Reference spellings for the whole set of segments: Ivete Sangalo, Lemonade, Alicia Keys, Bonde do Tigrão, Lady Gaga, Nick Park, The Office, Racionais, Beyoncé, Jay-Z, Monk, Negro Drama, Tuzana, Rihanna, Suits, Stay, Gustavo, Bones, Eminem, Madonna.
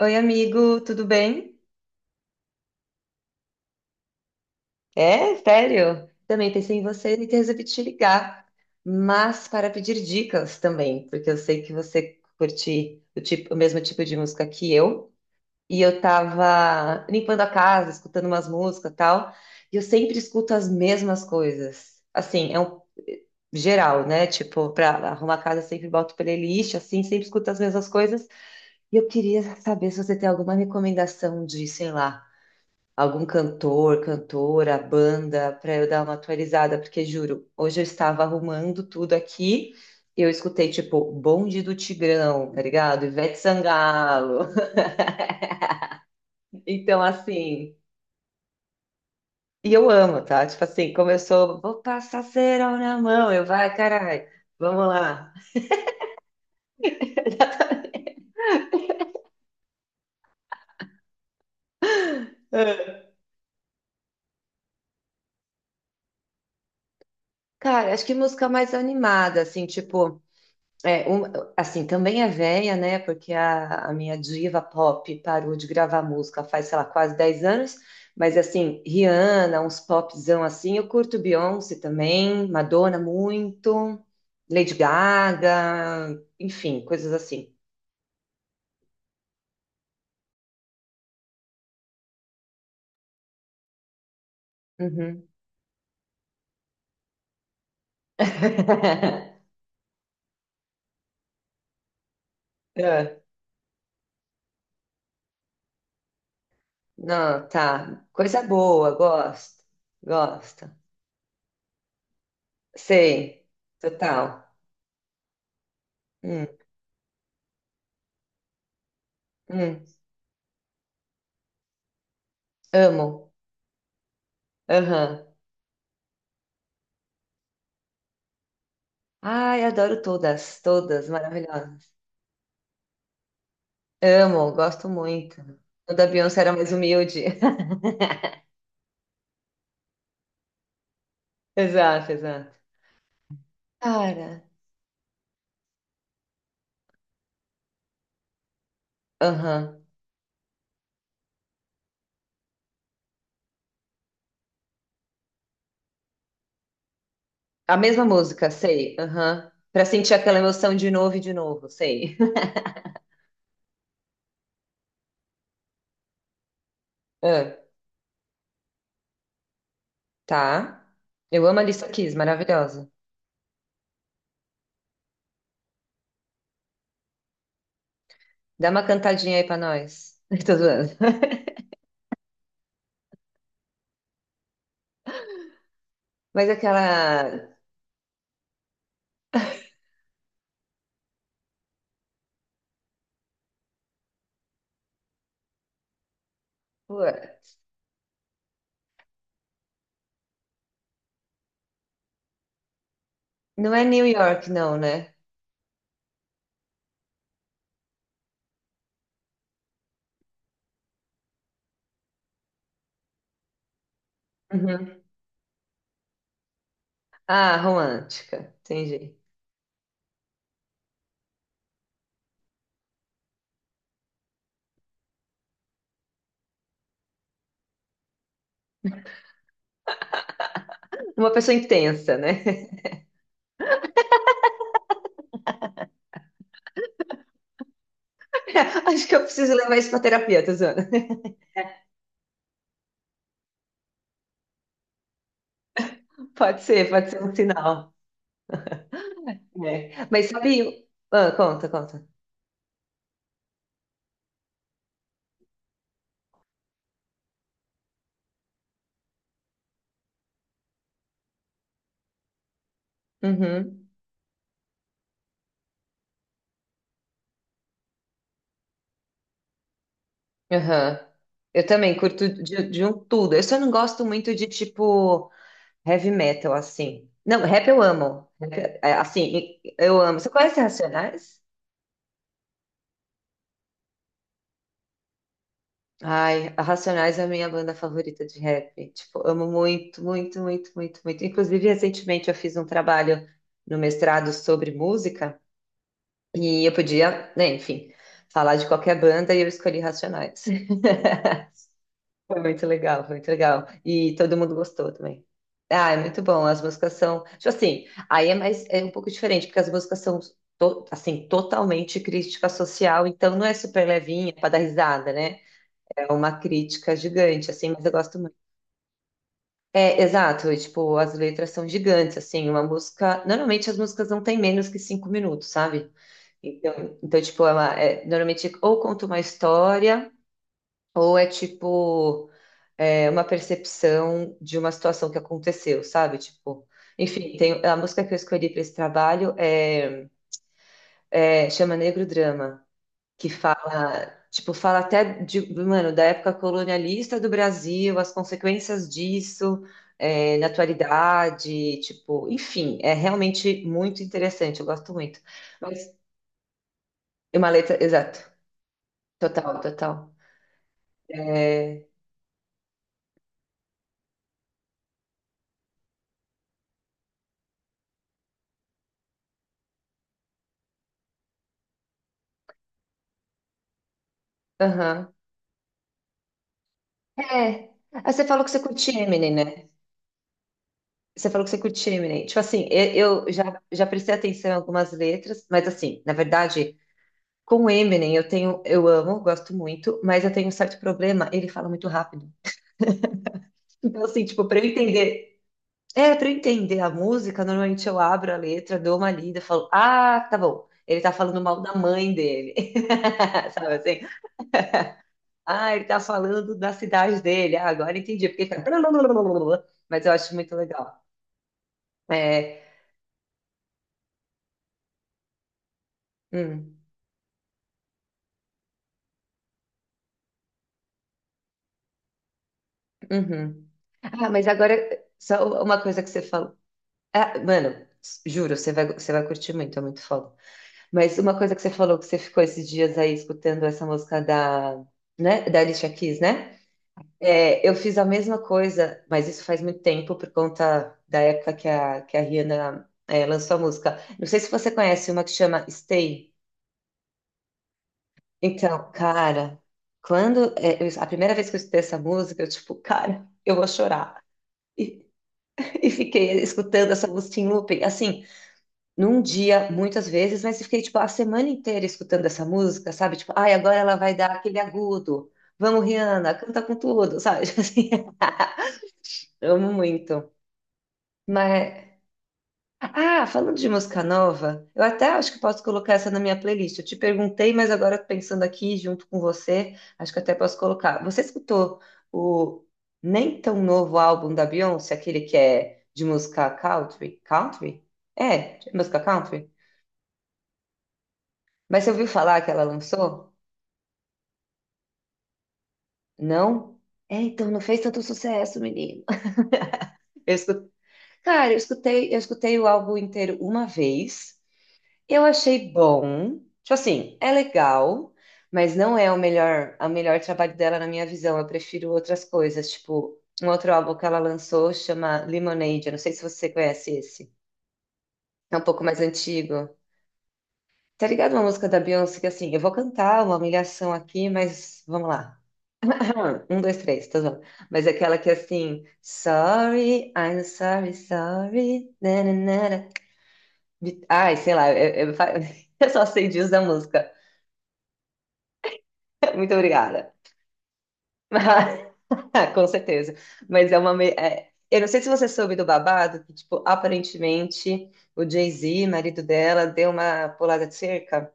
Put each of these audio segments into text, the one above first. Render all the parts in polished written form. Oi, amigo, tudo bem? É, sério? Também pensei em você e resolvi te ligar, mas para pedir dicas também, porque eu sei que você curte o mesmo tipo de música que eu, e eu tava limpando a casa, escutando umas músicas e tal, e eu sempre escuto as mesmas coisas. Assim, é um eh, geral, né? Tipo, para arrumar a casa, eu sempre boto playlist, assim, sempre escuto as mesmas coisas, e eu queria saber se você tem alguma recomendação de, sei lá. Algum cantor, cantora, banda, para eu dar uma atualizada, porque juro, hoje eu estava arrumando tudo aqui, eu escutei tipo Bonde do Tigrão, tá ligado? Ivete Sangalo. Então assim, e eu amo, tá? Tipo assim, começou, vou passar cerol na mão, eu vai, caralho. Vamos lá. Cara, acho que música mais animada, assim, tipo É, um- assim, também é velha, né? Porque a minha diva pop parou de gravar música faz, sei lá, quase 10 anos. Mas, assim, Rihanna, uns popzão assim. Eu curto Beyoncé também, Madonna muito, Lady Gaga, enfim, coisas assim. Uhum. É. Não, tá. Coisa boa, gosto. Gosto. Sei. Total. Hum, hum. Amo. Aham. Ai, adoro todas, todas, maravilhosas. Amo, gosto muito. O da Beyoncé era mais humilde. Exato, exato. Cara, aham. A mesma música, sei, aham. Pra sentir aquela emoção de novo e de novo, sei. Ah, tá. Eu amo a Alicia Keys, maravilhosa. Dá uma cantadinha aí pra nós. Tô zoando. Mas aquela... pô, não é New York, não, né? Uhum. Ah, romântica, entendi. Uma pessoa intensa, né? Acho que eu preciso levar isso para terapia, Tuzana. Pode ser um sinal. É. Mas sabe. Ah, conta, conta. Uhum. Aham. Eu também curto de um tudo. Eu só não gosto muito de tipo heavy metal, assim. Não, rap eu amo. Rap, é, assim, eu amo. Você conhece Racionais? Ai, a Racionais é a minha banda favorita de rap. Tipo, amo muito, muito, muito, muito, muito. Inclusive, recentemente eu fiz um trabalho no mestrado sobre música. E eu podia, né, enfim, falar de qualquer banda e eu escolhi Racionais. Foi muito legal, foi muito legal. E todo mundo gostou também. Ah, é muito bom. As músicas são, tipo assim, aí é mais é um pouco diferente, porque as músicas são assim, totalmente crítica social, então não é super levinha para dar risada, né? É uma crítica gigante, assim, mas eu gosto é, exato, e, tipo, as letras são gigantes, assim, uma música, normalmente as músicas não têm menos que 5 minutos, sabe? Então, então tipo, ela é, normalmente ou conta uma história, ou é, tipo, é, uma percepção de uma situação que aconteceu, sabe? Tipo, enfim, tem, a música que eu escolhi para esse trabalho é, é, chama Negro Drama, que fala, tipo, fala até de, mano, da época colonialista do Brasil, as consequências disso, é, na atualidade, tipo, enfim, é realmente muito interessante, eu gosto muito. Mas é uma letra, exato, total, total. É, aham. É. Ah, você falou que você curte Eminem, né? Você falou que você curte Eminem. Tipo assim, eu já, já prestei atenção em algumas letras, mas assim, na verdade, com o Eminem, eu tenho, eu amo, gosto muito, mas eu tenho um certo problema, ele fala muito rápido. Então, assim, tipo, pra eu entender, é, pra eu entender a música, normalmente eu abro a letra, dou uma lida, falo, ah, tá bom, ele tá falando mal da mãe dele, sabe assim? Ah, ele tá falando da cidade dele, ah, agora entendi, porque ele fala, mas eu acho muito legal. É, hum, uhum. Ah, mas agora, só uma coisa que você falou. Ah, mano, juro, você vai curtir muito, é muito foda. Mas uma coisa que você falou que você ficou esses dias aí escutando essa música da, né, da Alicia Keys, né? É, eu fiz a mesma coisa, mas isso faz muito tempo por conta da época que a Rihanna, é, lançou a música. Não sei se você conhece uma que chama Stay. Então, cara, quando é, a primeira vez que eu escutei essa música, eu tipo, cara, eu vou chorar. E, e fiquei escutando essa música em looping. Assim, num dia, muitas vezes, mas eu fiquei, tipo, a semana inteira escutando essa música, sabe? Tipo, ai, agora ela vai dar aquele agudo. Vamos, Rihanna, canta com tudo, sabe? Assim, amo muito. Mas, ah, falando de música nova, eu até acho que posso colocar essa na minha playlist. Eu te perguntei, mas agora pensando aqui junto com você, acho que até posso colocar. Você escutou o nem tão novo álbum da Beyoncé, aquele que é de música country? Country? É, de música country? Mas você ouviu falar que ela lançou? Não? É, então não fez tanto sucesso, menino. Eu escu- Cara, eu escutei o álbum inteiro uma vez. Eu achei bom. Tipo assim, é legal, mas não é o melhor trabalho dela na minha visão. Eu prefiro outras coisas, tipo, um outro álbum que ela lançou chama Lemonade. Eu não sei se você conhece esse. É um pouco mais antigo. Tá ligado uma música da Beyoncé que assim, eu vou cantar uma humilhação aqui, mas vamos lá. Ah, um, dois, três, tá bom. Mas aquela que é assim, sorry, I'm sorry, sorry, nananara. Ai, sei lá, eu, eu só sei disso da música. Muito obrigada. Mas- Com certeza. Mas é uma. Eu não sei se você soube do babado, que, tipo, aparentemente o Jay-Z, marido dela, deu uma pulada de cerca.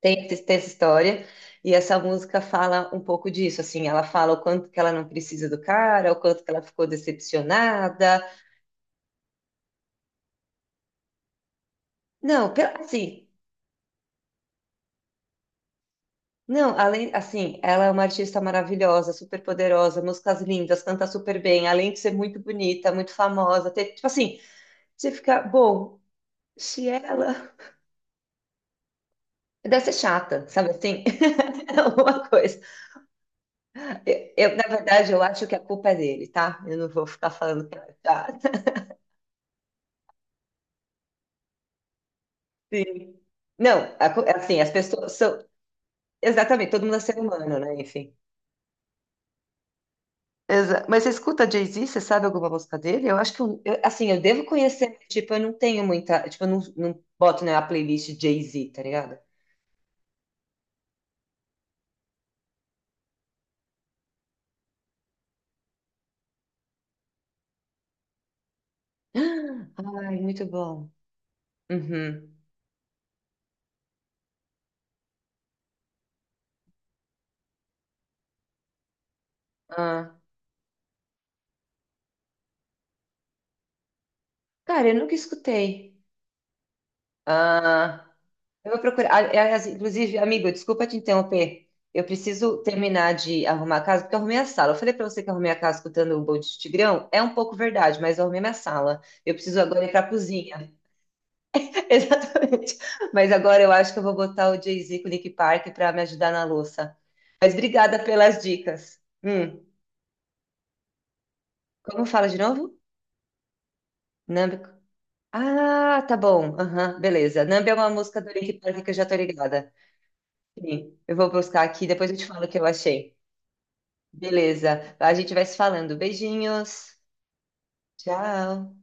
Tem, tem essa história. E essa música fala um pouco disso, assim, ela fala o quanto que ela não precisa do cara, o quanto que ela ficou decepcionada. Não, assim, não, além, assim, ela é uma artista maravilhosa, super poderosa, músicas lindas, canta super bem, além de ser muito bonita, muito famosa, tipo assim, você fica, bom, se ela deve ser chata, sabe assim? Alguma coisa. Eu, na verdade, eu acho que a culpa é dele, tá? Eu não vou ficar falando que ela é chata. Sim. Não, assim, as pessoas são. Exatamente, todo mundo é ser humano, né? Enfim. Mas você escuta Jay-Z, você sabe alguma música dele? Eu acho que, eu, assim, eu devo conhecer, mas, tipo, eu não tenho muita. Tipo, eu não, não boto na playlist Jay-Z, tá ligado? Ai, muito bom. Uhum. Ah, cara, eu nunca escutei. Ah. Eu vou procurar. Aliás, inclusive, amigo, desculpa te interromper. Eu preciso terminar de arrumar a casa, porque eu arrumei a sala. Eu falei pra você que eu arrumei a casa escutando o Bom de Tigrão. É um pouco verdade, mas eu arrumei minha sala. Eu preciso agora ir pra cozinha. Exatamente. Mas agora eu acho que eu vou botar o Jay-Z com o Nick Park pra me ajudar na louça. Mas obrigada pelas dicas. Como fala de novo? Nambi. Ah, tá bom. Aham, beleza. Nambi é uma música do Nick Park que eu já tô ligada. Sim, eu vou buscar aqui, depois eu te falo o que eu achei. Beleza. A gente vai se falando. Beijinhos. Tchau.